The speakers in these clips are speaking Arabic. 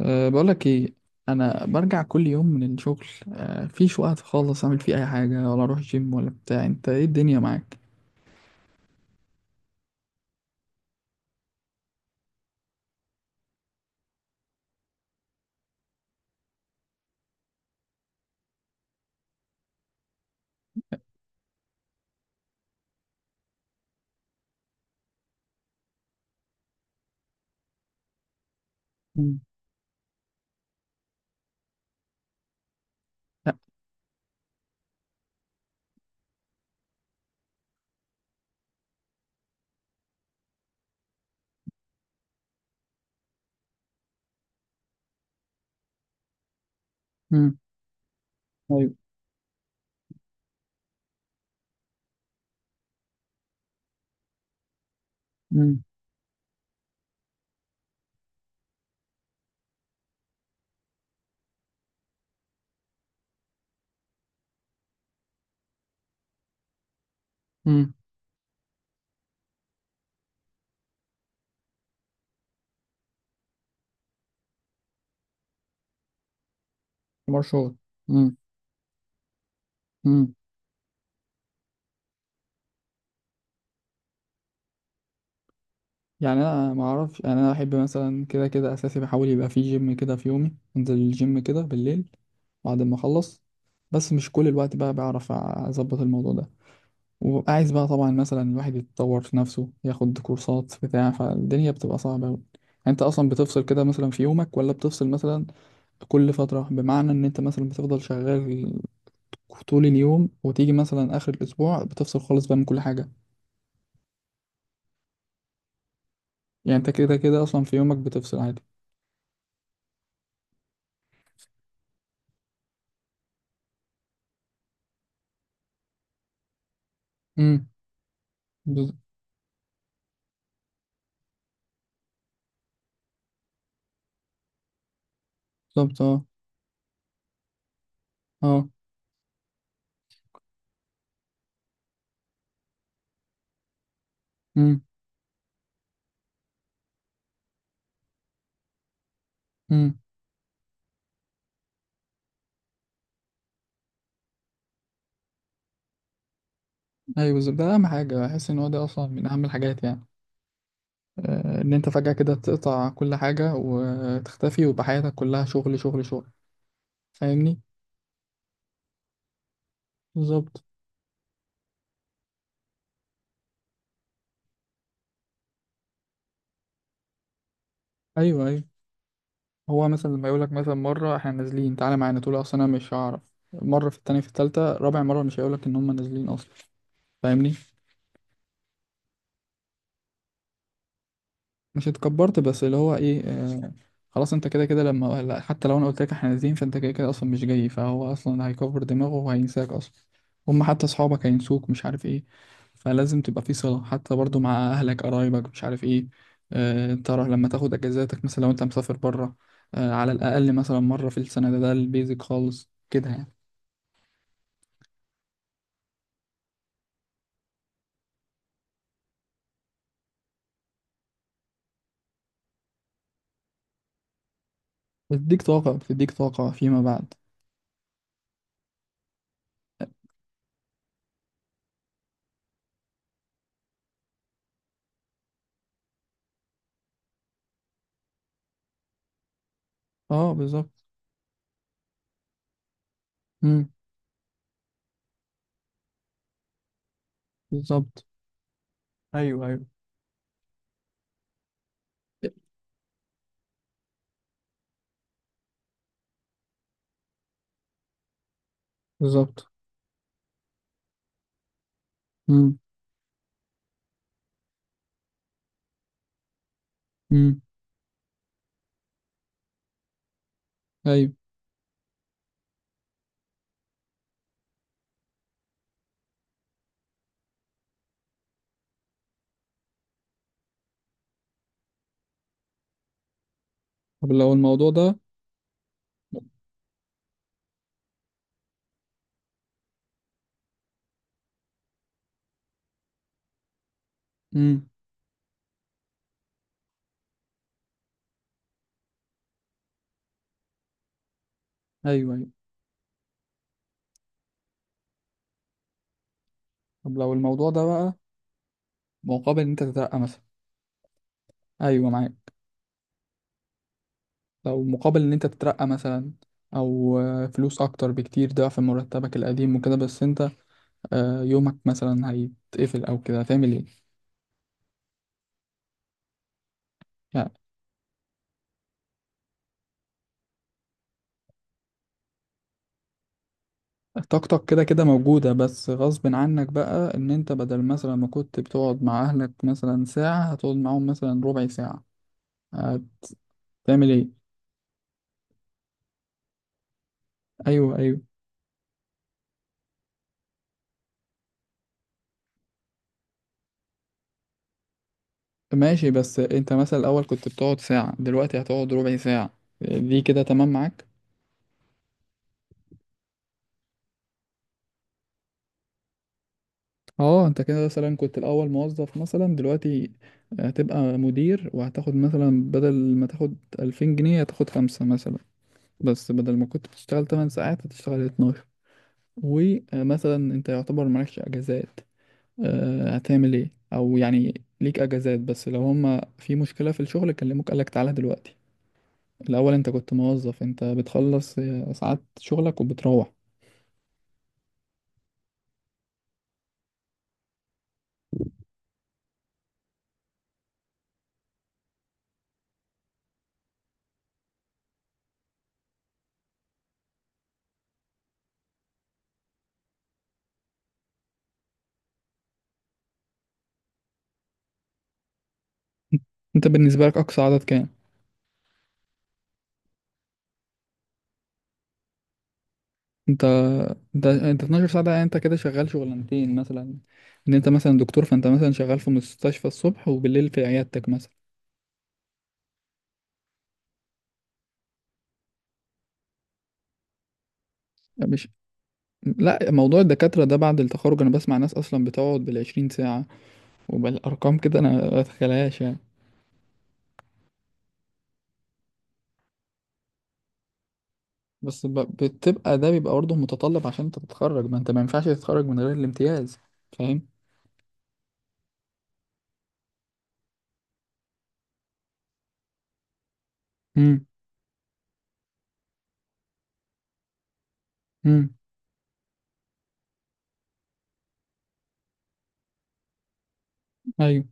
أه، بقولك ايه. انا برجع كل يوم من الشغل. أه، مفيش وقت خالص اعمل فيه اي حاجه، ولا اروح جيم ولا بتاع. انت ايه الدنيا معاك؟ مم. مم. ايوه. مم. مم. حمار شغل. مم. مم. يعني انا ما اعرفش، يعني انا احب مثلا كده كده اساسي بحاول يبقى في جيم كده في يومي، انزل الجيم كده بالليل بعد ما اخلص. بس مش كل الوقت بقى بعرف اظبط الموضوع ده. وعايز بقى طبعا مثلا الواحد يتطور في نفسه، ياخد كورسات بتاع، فالدنيا بتبقى صعبة أوي يعني. انت اصلا بتفصل كده مثلا في يومك، ولا بتفصل مثلا كل فترة؟ بمعنى ان انت مثلا بتفضل شغال طول اليوم وتيجي مثلا اخر الاسبوع بتفصل خالص بقى من كل حاجة؟ يعني انت كده كده اصلا في يومك بتفصل عادي. امم، بالظبط. اه. اه. امم. امم. ايوه بالظبط، ده اهم حاجة. احس ان هو ده اصلا من اهم الحاجات يعني. آه، ان انت فجأة كده تقطع كل حاجة وتختفي ويبقى حياتك كلها شغل شغل شغل. فاهمني. بالظبط. ايوه ايوه. هو مثلا لما يقول لك مثلا مره احنا نازلين تعالى معانا، تقول له اصل انا مش هعرف. مره، في التانية، في التالتة، رابع مره مش هيقول لك ان هم نازلين اصلا. فاهمني. مش اتكبرت، بس اللي هو ايه، آه. خلاص انت كده كده لما لا، حتى لو انا قلت لك احنا نازلين فانت كده كده اصلا مش جاي، فهو اصلا هيكبر دماغه وهينساك اصلا. هم حتى اصحابك هينسوك، مش عارف ايه. فلازم تبقى في صلة حتى برضو مع اهلك قرايبك، مش عارف ايه. آه انت راه لما تاخد اجازاتك، مثلا لو انت مسافر بره. آه، على الاقل مثلا مرة في السنة، ده ده البيزك خالص كده يعني. بتديك طاقة، بتديك طاقة فيما بعد. اه بالظبط. امم، بالظبط. ايوه ايوه. بالظبط. امم. امم. ايوه. طب لو الموضوع ده. امم. ايوه ايوه. طب لو الموضوع ده بقى مقابل ان انت تترقى مثلا. ايوه معاك. لو مقابل ان انت تترقى مثلا او آه، فلوس اكتر بكتير ضعف مرتبك القديم وكده، بس انت آه، يومك مثلا هيتقفل او كده هتعمل ايه يعني؟ طاقتك كده كده موجودة بس غصب عنك بقى، ان انت بدل مثلا ما كنت بتقعد مع اهلك مثلا ساعة هتقعد معاهم مثلا ربع ساعة. هتعمل ايه؟ ايوه ايوه. ماشي، بس انت مثلا الاول كنت بتقعد ساعة دلوقتي هتقعد ربع ساعة. دي كده تمام معاك. اه، انت كده مثلا كنت الاول موظف، مثلا دلوقتي هتبقى مدير وهتاخد مثلا بدل ما تاخد 2000 جنيه هتاخد خمسة مثلا. بس بدل ما كنت بتشتغل 8 ساعات هتشتغل 12. ومثلا انت يعتبر مالكش اجازات. اه، هتعمل ايه؟ او يعني ليك اجازات بس لو هما في مشكلة في الشغل كلموك قالك تعالى دلوقتي. الاول انت كنت موظف، انت بتخلص آه، ساعات شغلك وبتروح. انت بالنسبه لك اقصى عدد كام؟ انت انت 12 ساعه ده يعني انت كده شغال شغلانتين مثلا. ان انت مثلا دكتور، فانت مثلا شغال في مستشفى الصبح وبالليل في عيادتك مثلا. مش لا، موضوع الدكاتره ده بعد التخرج انا بسمع ناس اصلا بتقعد بالـ 20 ساعة. وبالارقام كده انا ما اتخيلهاش يعني. بتبقى ده بيبقى برضه متطلب عشان انت تتخرج، ما انت ما ينفعش تتخرج من غير الامتياز. فاهم. امم. امم. ايوه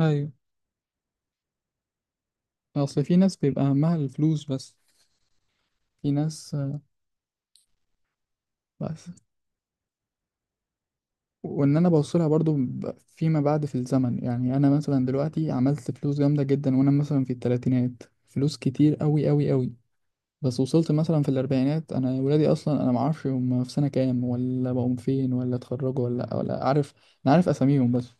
ايوه. اصل في ناس بيبقى همها الفلوس بس. في ناس. بس وان انا بوصلها برضو فيما بعد في الزمن، يعني انا مثلا دلوقتي عملت فلوس جامده جدا وانا مثلا في الثلاثينات، فلوس كتير قوي قوي قوي. بس وصلت مثلا في الاربعينات، انا ولادي اصلا انا ما اعرفش هم في سنه كام ولا بقوا فين ولا اتخرجوا ولا عارف. انا عارف اساميهم بس.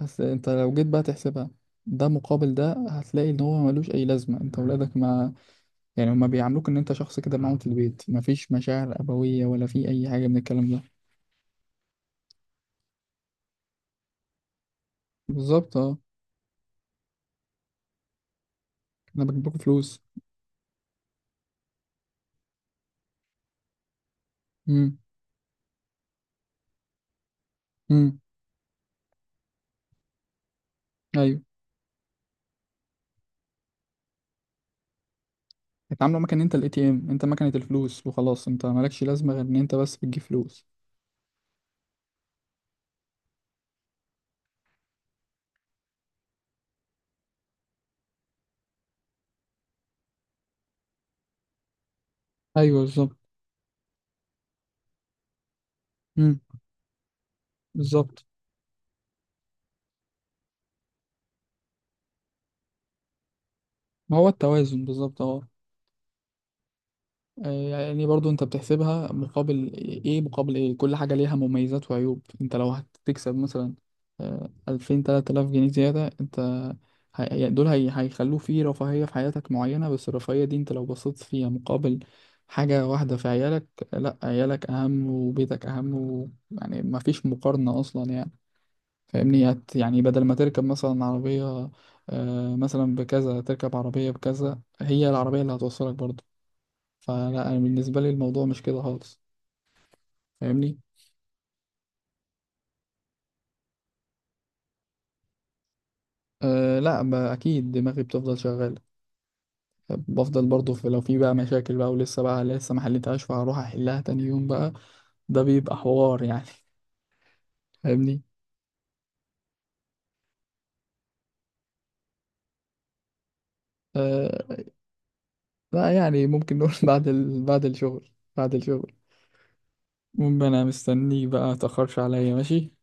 بس انت لو جيت بقى تحسبها ده مقابل ده هتلاقي ان هو ملوش اي لازمه، انت ولادك ما. يعني هما بيعاملوك ان انت شخص كده معاهم في البيت مفيش مشاعر ابويه ولا في اي حاجه من الكلام ده. بالظبط اه. انا بجيب لكم فلوس. مم. امم. ايوه. اتعاملوا مكان انت الاي تي ام، انت مكنه الفلوس وخلاص، انت مالكش لازمه غير ان انت بس بتجيب فلوس. ايوه بالظبط. امم. بالظبط. ما هو التوازن بالظبط اه. يعني برضو انت بتحسبها مقابل ايه؟ مقابل ايه؟ كل حاجة ليها مميزات وعيوب. انت لو هتكسب مثلا آه، 2000 تلات آلاف جنيه زيادة، انت يعني هيخلوه في رفاهية في حياتك معينة، بس الرفاهية دي انت لو بصيت فيها مقابل حاجة واحدة في عيالك. لا، عيالك أهم وبيتك أهم يعني مفيش مقارنة أصلا يعني. فاهمني. يعني بدل ما تركب مثلا عربية آه، مثلا بكذا تركب عربية بكذا، هي العربية اللي هتوصلك برضه. فلا انا بالنسبه لي الموضوع مش كده خالص. فاهمني. أه لا، اكيد دماغي بتفضل شغاله. بفضل برضه في، لو في بقى مشاكل بقى ولسه بقى لسه ما حلتهاش فهروح احلها تاني يوم بقى. ده بيبقى حوار يعني فاهمني. أه لا يعني، ممكن نقول بعد الشغل. بعد الشغل. المهم انا مستنيك بقى، متأخرش عليا ماشي.